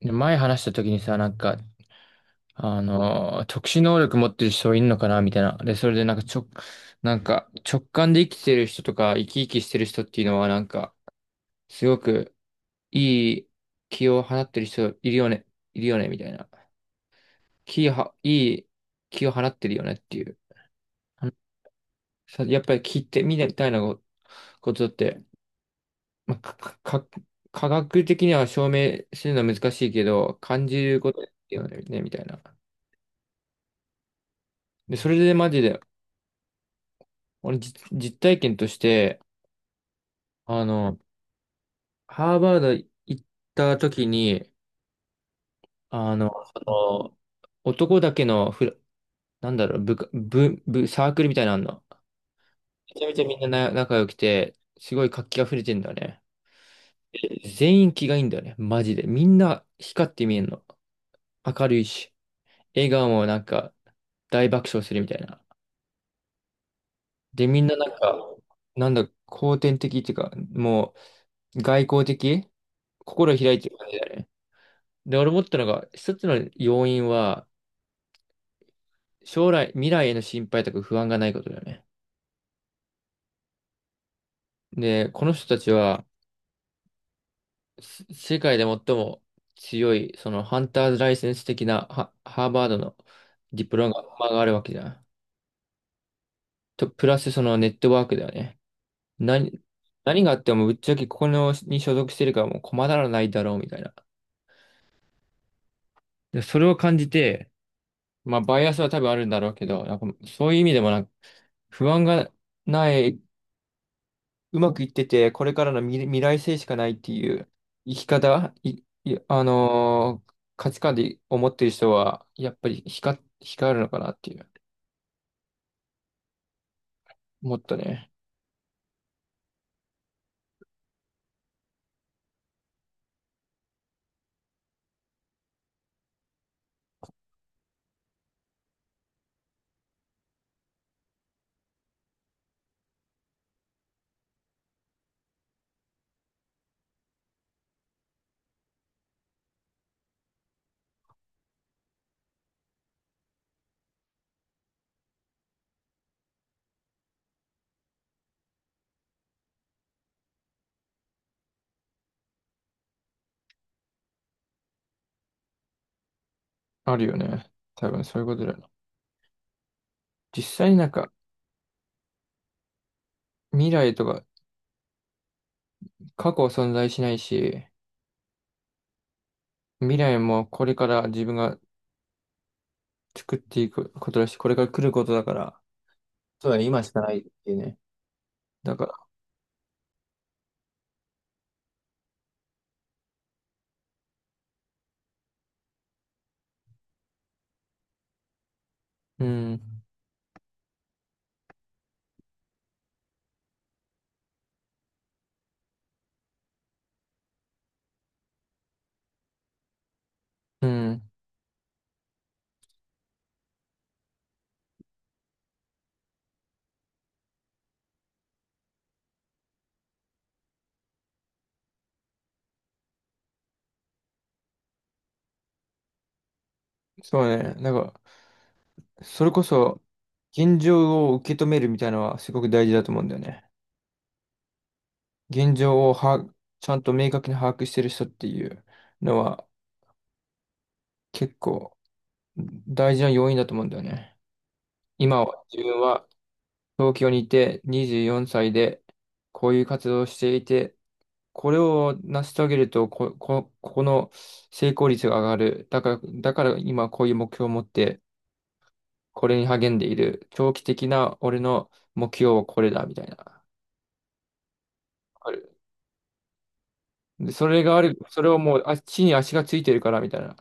で前話した時にさ、なんか、特殊能力持ってる人いんのかなみたいな。で、それでなんかなんか直感で生きてる人とか生き生きしてる人っていうのはなんか、すごくいい気を放ってる人いるよね、いるよね、みたいな。気をは、いい気を放ってるよねっていう。あのさやっぱり聞いてみたいなことって、まあ、か、か、か科学的には証明するのは難しいけど、感じることだよね、みたいな。で、それでマジで、俺、実体験として、あの、ハーバード行った時に、あの、その男だけのフラ、なんだろう、部下、部、部、サークルみたいなのあんの。めちゃめちゃみんなな仲良くて、すごい活気あふれてんだよね。全員気がいいんだよね、マジで。みんな光って見えんの。明るいし、笑顔もなんか大爆笑するみたいな。で、みんななんか、なんだ、後天的っていうか、もう外交的心開いてる感じだね。で、俺思ったのが、一つの要因は、将来、未来への心配とか不安がないことだよね。で、この人たちは、世界で最も強い、そのハンターズライセンス的なハーバードのディプロマがあるわけじゃん。と、プラスそのネットワークだよね。何、何があってもぶっちゃけここのに所属してるからもう困らないだろうみたいな。で、それを感じて、まあバイアスは多分あるんだろうけど、なんかそういう意味でもなんか不安がない、うまくいってて、これからの未来性しかないっていう生き方、い、いあのー価値観で思ってる人は、やっぱり光るのかなっていう、もっとね、あるよね。多分そういうことだよな。実際になんか、未来とか過去は存在しないし、未来もこれから自分が作っていくことだし、これから来ることだから、そうだね、今しかないっていうね。だから、うん、うん、そうね、なんか、それこそ、現状を受け止めるみたいなのはすごく大事だと思うんだよね。現状をは、ちゃんと明確に把握してる人っていうのは結構大事な要因だと思うんだよね。今は自分は東京にいて24歳でこういう活動をしていて、これを成し遂げるとこ、こ、ここの成功率が上がる。だから今こういう目標を持ってこれに励んでいる。長期的な俺の目標はこれだみたいな。わかる。で、それがある、それをもう、地に足がついてるからみたいな。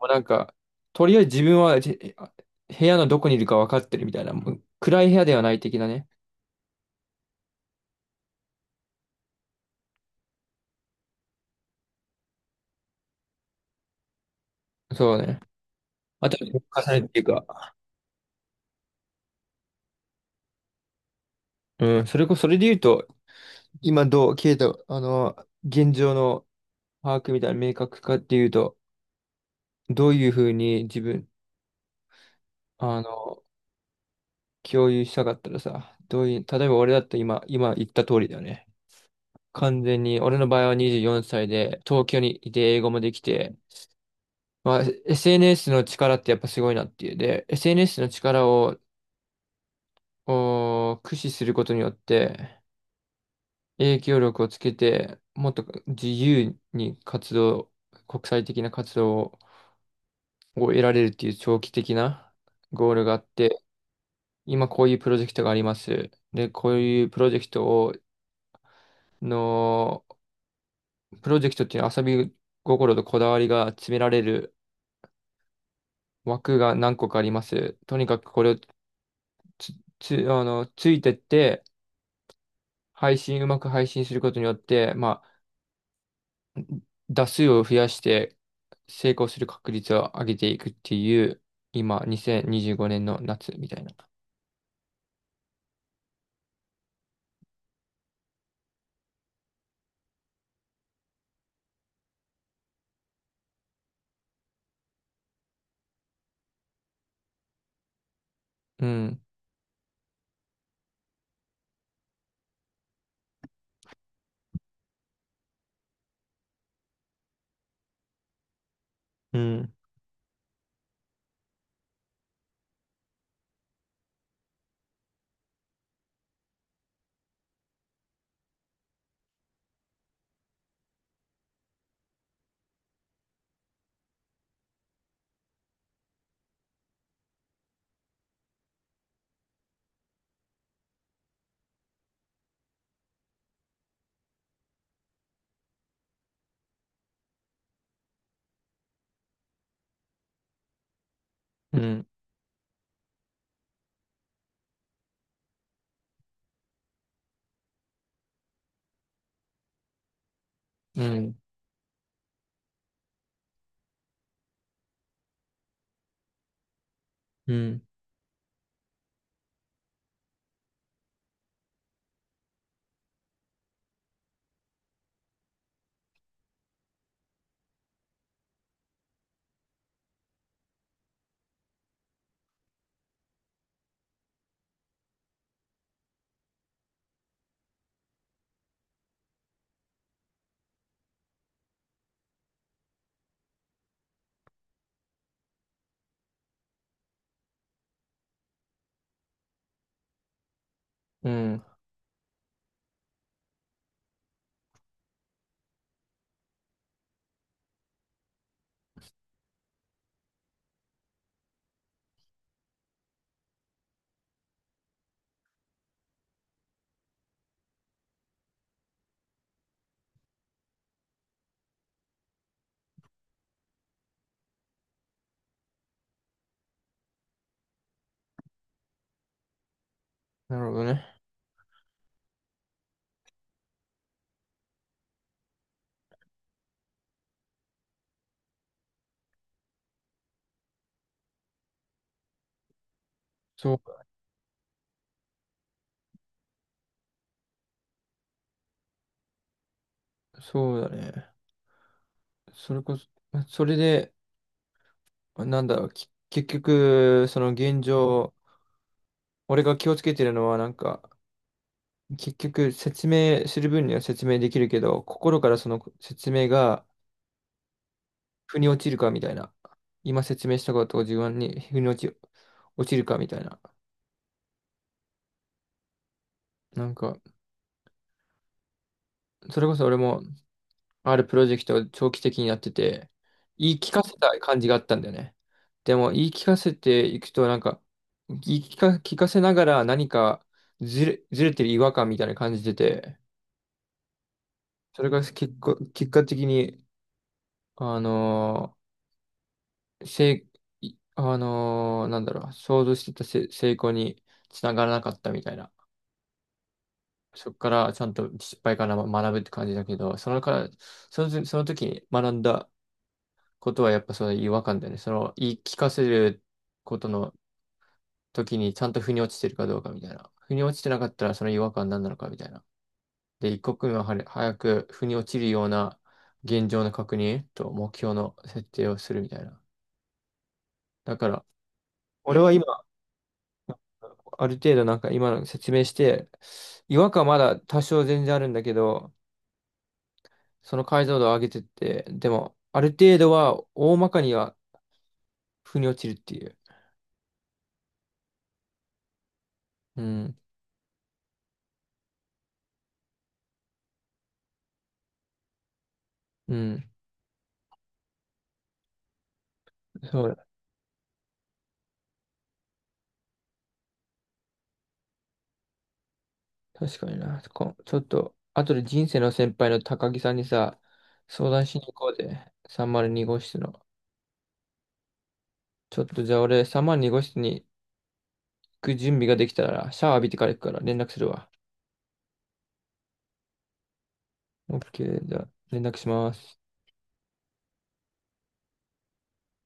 もうなんか、とりあえず自分は部屋のどこにいるか分かってるみたいな。もう暗い部屋ではない的なね。そうね。あと、重ねっていうか、うん、それで言うと、今どう、ケイト、あの、現状の把握みたいな明確化っていうと、どういうふうに自分、あの、共有したかったらさ、どういう、例えば俺だったら今言った通りだよね。完全に、俺の場合は24歳で、東京にいて英語もできて、まあ、SNS の力ってやっぱすごいなっていう。で、SNS の力を、駆使することによって、影響力をつけて、もっと自由に活動、国際的な活動を得られるっていう長期的なゴールがあって、今こういうプロジェクトがあります。で、こういうプロジェクトを、の、プロジェクトっていうのは遊び心とこだわりが詰められる枠が何個かあります。とにかくこれをつ、つ、あの、ついてって、配信、うまく配信することによって、まあ、打数を増やして成功する確率を上げていくっていう、今、2025年の夏みたいな。うん、うん、うん、うん、うん、うん。なるほどね。そそうだね。それこそ、それで、なんだろう、結局、その現状、俺が気をつけてるのは、なんか、結局、説明する分には説明できるけど、心からその説明が、腑に落ちるかみたいな。今説明したことを自分に腑に落ち、落ちるかみたいな。なんか、それこそ俺も、あるプロジェクトを長期的にやってて、言い聞かせた感じがあったんだよね。でも、言い聞かせていくと、なんか、言い聞か、聞かせながら何かずれてる違和感みたいな感じでて、それが結果、結果的に、あのーせい、いあのーなんだろう、想像してた成功につながらなかったみたいな。そこからちゃんと失敗から学ぶって感じだけど、そのから、その時、その時に学んだことはやっぱその違和感だよね。その言い聞かせることの時にちゃんと腑に落ちてるかどうかみたいな。腑に落ちてなかったらその違和感何なのかみたいな。で、一刻も早く腑に落ちるような現状の確認と目標の設定をするみたいな。だから、俺は今、ある程度なんか今の説明して、違和感まだ多少全然あるんだけど、その解像度を上げてって、でも、ある程度は大まかには腑に落ちるっていう。うん、うん、そうだ、確かにな。ちょっと、後で人生の先輩の高木さんにさ、相談しに行こうぜ。302号室の。ちょっとじゃあ俺、302号室に行く準備ができたら、シャワー浴びてから行くから連絡するわ。OK、じゃあ連絡します。